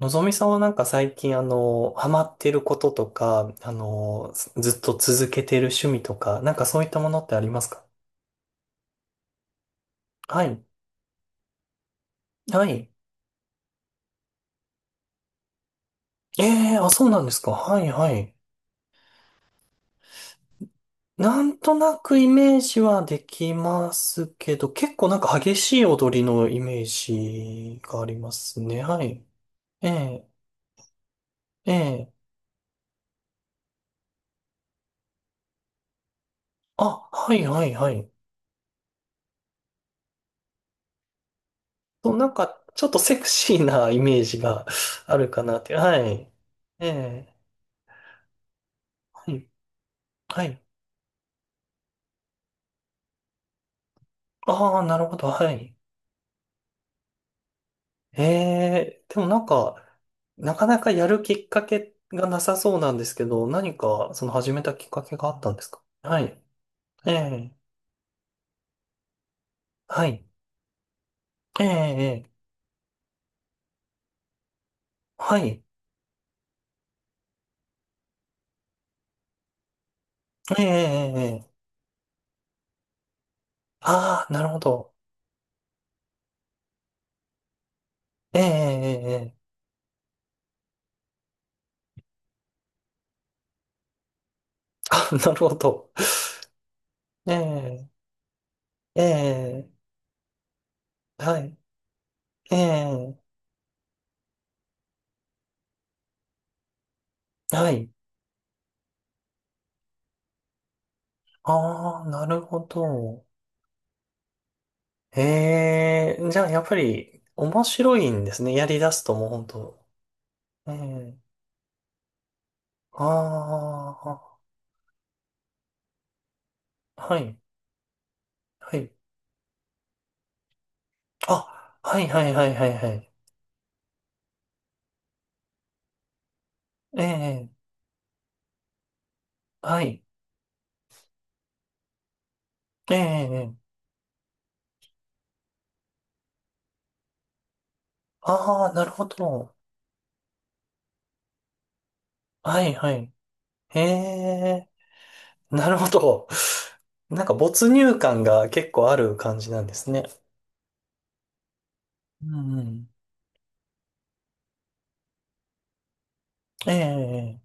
のぞみさんはなんか最近ハマってることとか、ずっと続けてる趣味とか、なんかそういったものってありますか？はい。はい。ええ、あ、そうなんですか。はい、はい。なんとなくイメージはできますけど、結構なんか激しい踊りのイメージがありますね。はい。ええええ、あ、はい、はい、はい。そう、なんかちょっとセクシーなイメージがあるかなって。はい。ええ、はい。はい。ああ、なるほど、はい。ええ、でもなんか、なかなかやるきっかけがなさそうなんですけど、何か、その始めたきっかけがあったんですか？はい。ええ、はい。ええ、ええ、はい。ええ、ええ、ええ、ああ、なるほど。ええ、ええ、ええ、あ、なるほど。ええ、ええ、はい。ええ、はい。ああ、なるほど。ええ、じゃあやっぱり面白いんですね。やり出すともう本当。ええ、ああ、はい、はい。あ、はい、はい、はい、はい、はい。ええ、はい、ええ、ああ、なるほど。はい、はい。ええ、なるほど。なんか没入感が結構ある感じなんですね。うんうん。ええ、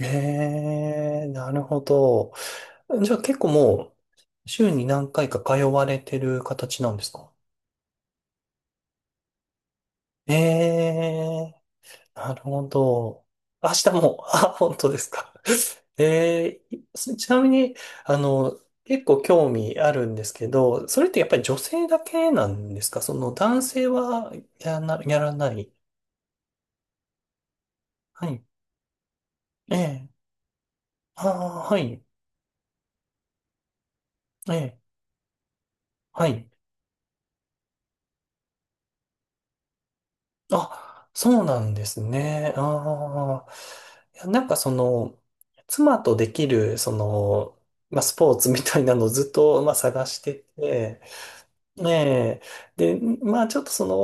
ええ、なるほど。じゃあ結構もう、週に何回か通われてる形なんですか？ええ、なるほど。明日も、あ、本当ですか。ちなみに、結構興味あるんですけど、それってやっぱり女性だけなんですか？その男性はやらない。はい。ええ。ああ、はい。ええ。はい。あ、そうなんですね。ああ。いや、なんかその、妻とできる、その、まあ、スポーツみたいなのをずっと、まあ、探してて、ええ、で、まあちょっとその、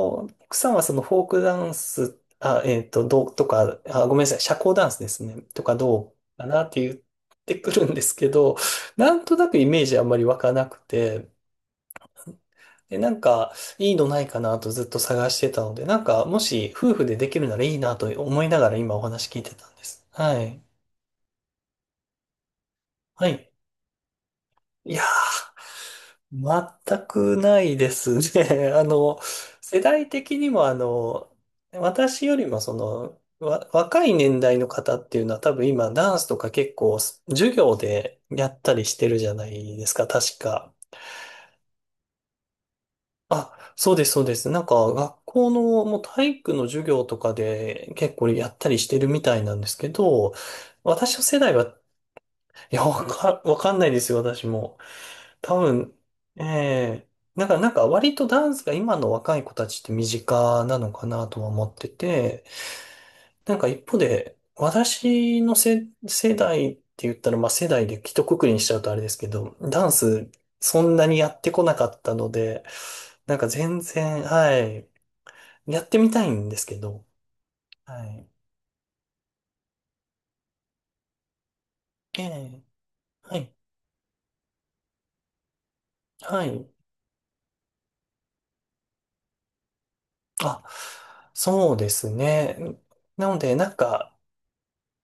奥さんはそのフォークダンス、あ、どうとか、あ、ごめんなさい、社交ダンスですね、とかどうかなって言ってくるんですけど、なんとなくイメージあんまり湧かなくて、で、なんか、いいのないかなとずっと探してたので、なんか、もし夫婦でできるならいいなと思いながら今お話聞いてたんです。はい。はい。いやー、全くないですね。世代的にも私よりもその、若い年代の方っていうのは多分今ダンスとか結構授業でやったりしてるじゃないですか、確か。あ、そうです、そうです。なんか学校のもう体育の授業とかで結構やったりしてるみたいなんですけど、私の世代は、いや、わかんないですよ、私も。多分、ええ、なんか割とダンスが今の若い子たちって身近なのかなとは思ってて、なんか一方で、私の世代って言ったら、まあ世代で一括りにしちゃうとあれですけど、ダンスそんなにやってこなかったので、なんか全然、はい、やってみたいんですけど、はい。ええ、はい、はい。あ、そうですね。なので、なんか、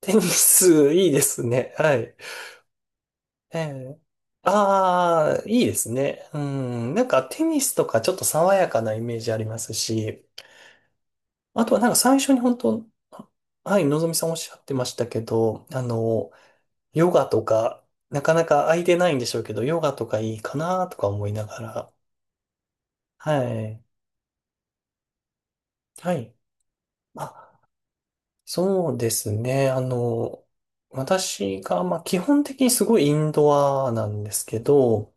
テニスいいですね。はい。ええ。ああ、いいですね。うん。なんかテニスとかちょっと爽やかなイメージありますし、あとはなんか最初に本当、はい、のぞみさんおっしゃってましたけど、ヨガとか、なかなか空いてないんでしょうけど、ヨガとかいいかなとか思いながら。はい。はい。あ、そうですね。私が、まあ基本的にすごいインドアなんですけど、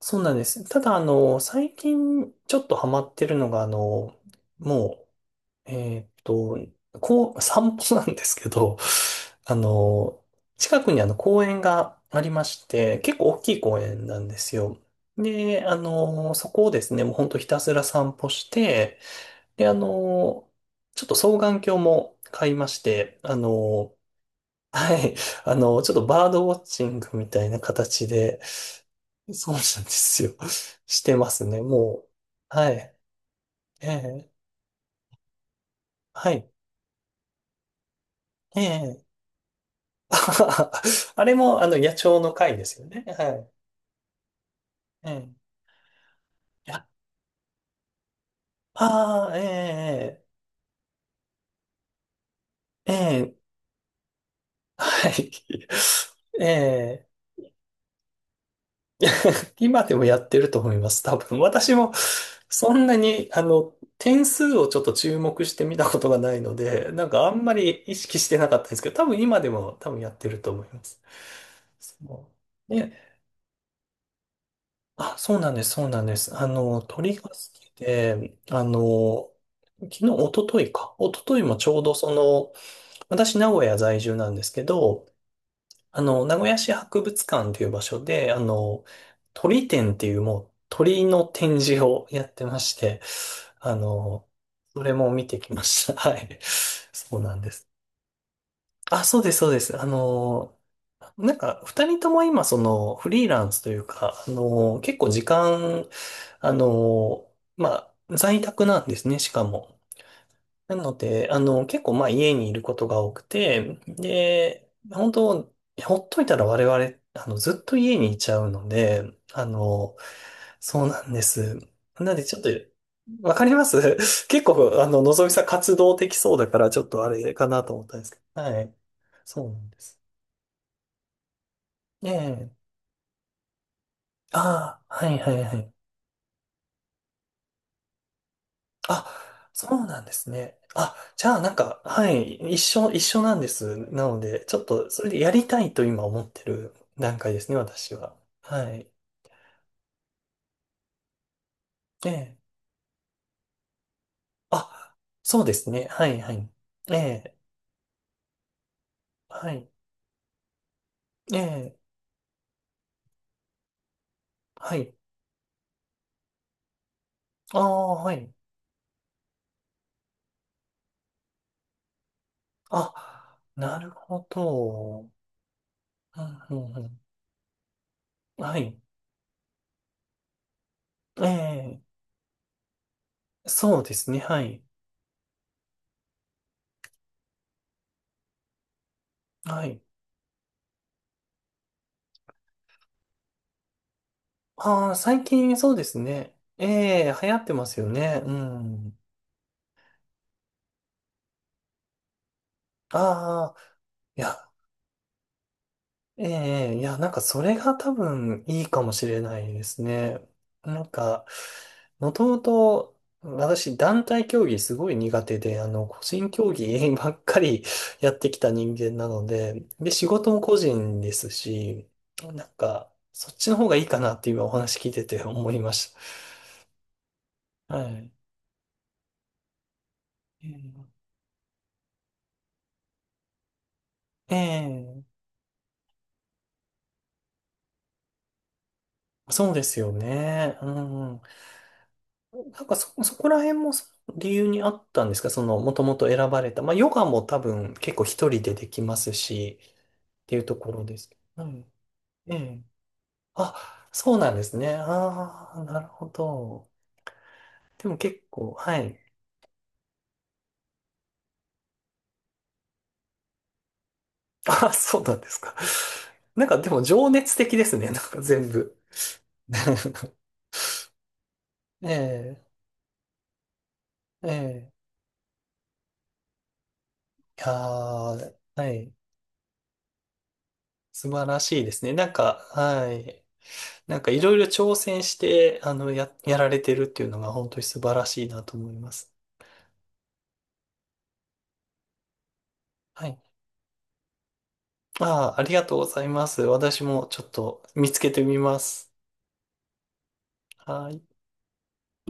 そうなんです。ただ、最近ちょっとハマってるのが、もう、こう、散歩なんですけど、あの、近くにあの公園がありまして、結構大きい公園なんですよ。で、そこをですね、もうほんとひたすら散歩して、で、ちょっと双眼鏡も買いまして、はい、ちょっとバードウォッチングみたいな形で、そうなんですよ。してますね、もう。はい。ええ、はい。ええ。あれも、野鳥の会ですよね。はい。ええ。や、ああ、ええ、ええ、ええ、はい。ええ、今でもやってると思います、多分。私も、そんなに、点数をちょっと注目してみたことがないので、なんかあんまり意識してなかったんですけど、多分今でも多分やってると思います。そう。ね。あ、そうなんです、そうなんです。鳥が好きで、昨日、一昨日か。一昨日もちょうどその、私、名古屋在住なんですけど、名古屋市博物館という場所で、鳥展っていうもう鳥の展示をやってまして、あの、それも見てきました。はい。そうなんです。あ、そうです、そうです。なんか、二人とも今、その、フリーランスというか、結構時間、あのまあ、在宅なんですね、しかも。なので、結構まあ家にいることが多くて、で、本当、ほっといたら我々、ずっと家にいちゃうので、あの、そうなんです。なのでちょっと、わかります 結構、のぞみさん活動的そうだから、ちょっとあれかなと思ったんですけど。はい。そうなんです。ええ。ああ、はいはいはい。あ、そうなんですね。あ、じゃあなんか、はい、一緒なんです。なので、ちょっとそれでやりたいと今思ってる段階ですね、私は。はい。ええ。あ、そうですね。はい、はい。ええ、はい。ええ、はい。ああ、はい。あ、なるほど。うんうんうん。はい。ええ、そうですね。はい。はい。ああ、最近そうですね。ええ、流行ってますよね。うん。ああ。いや、ええ、いや、なんかそれが多分いいかもしれないですね。なんか、もともと私団体競技すごい苦手で、個人競技ばっかりやってきた人間なので、で、仕事も個人ですし、なんか、そっちの方がいいかなって今お話聞いてて思いました。はい。ええ、ええ、そうですよね。うんうん。なんかそこら辺もその理由にあったんですか？その、もともと選ばれた。まあ、ヨガも多分結構一人でできますし、っていうところですけど。うん。ええ。あ、そうなんですね。ああ、なるほど。でも結構、はい。あ、そうなんですか。なんかでも情熱的ですね。なんか全部。ええ、ええ。いやー、はい。素晴らしいですね。なんか、はい。なんかいろいろ挑戦して、やられてるっていうのが本当に素晴らしいなと思います。はい。ああ、ありがとうございます。私もちょっと見つけてみます。はい。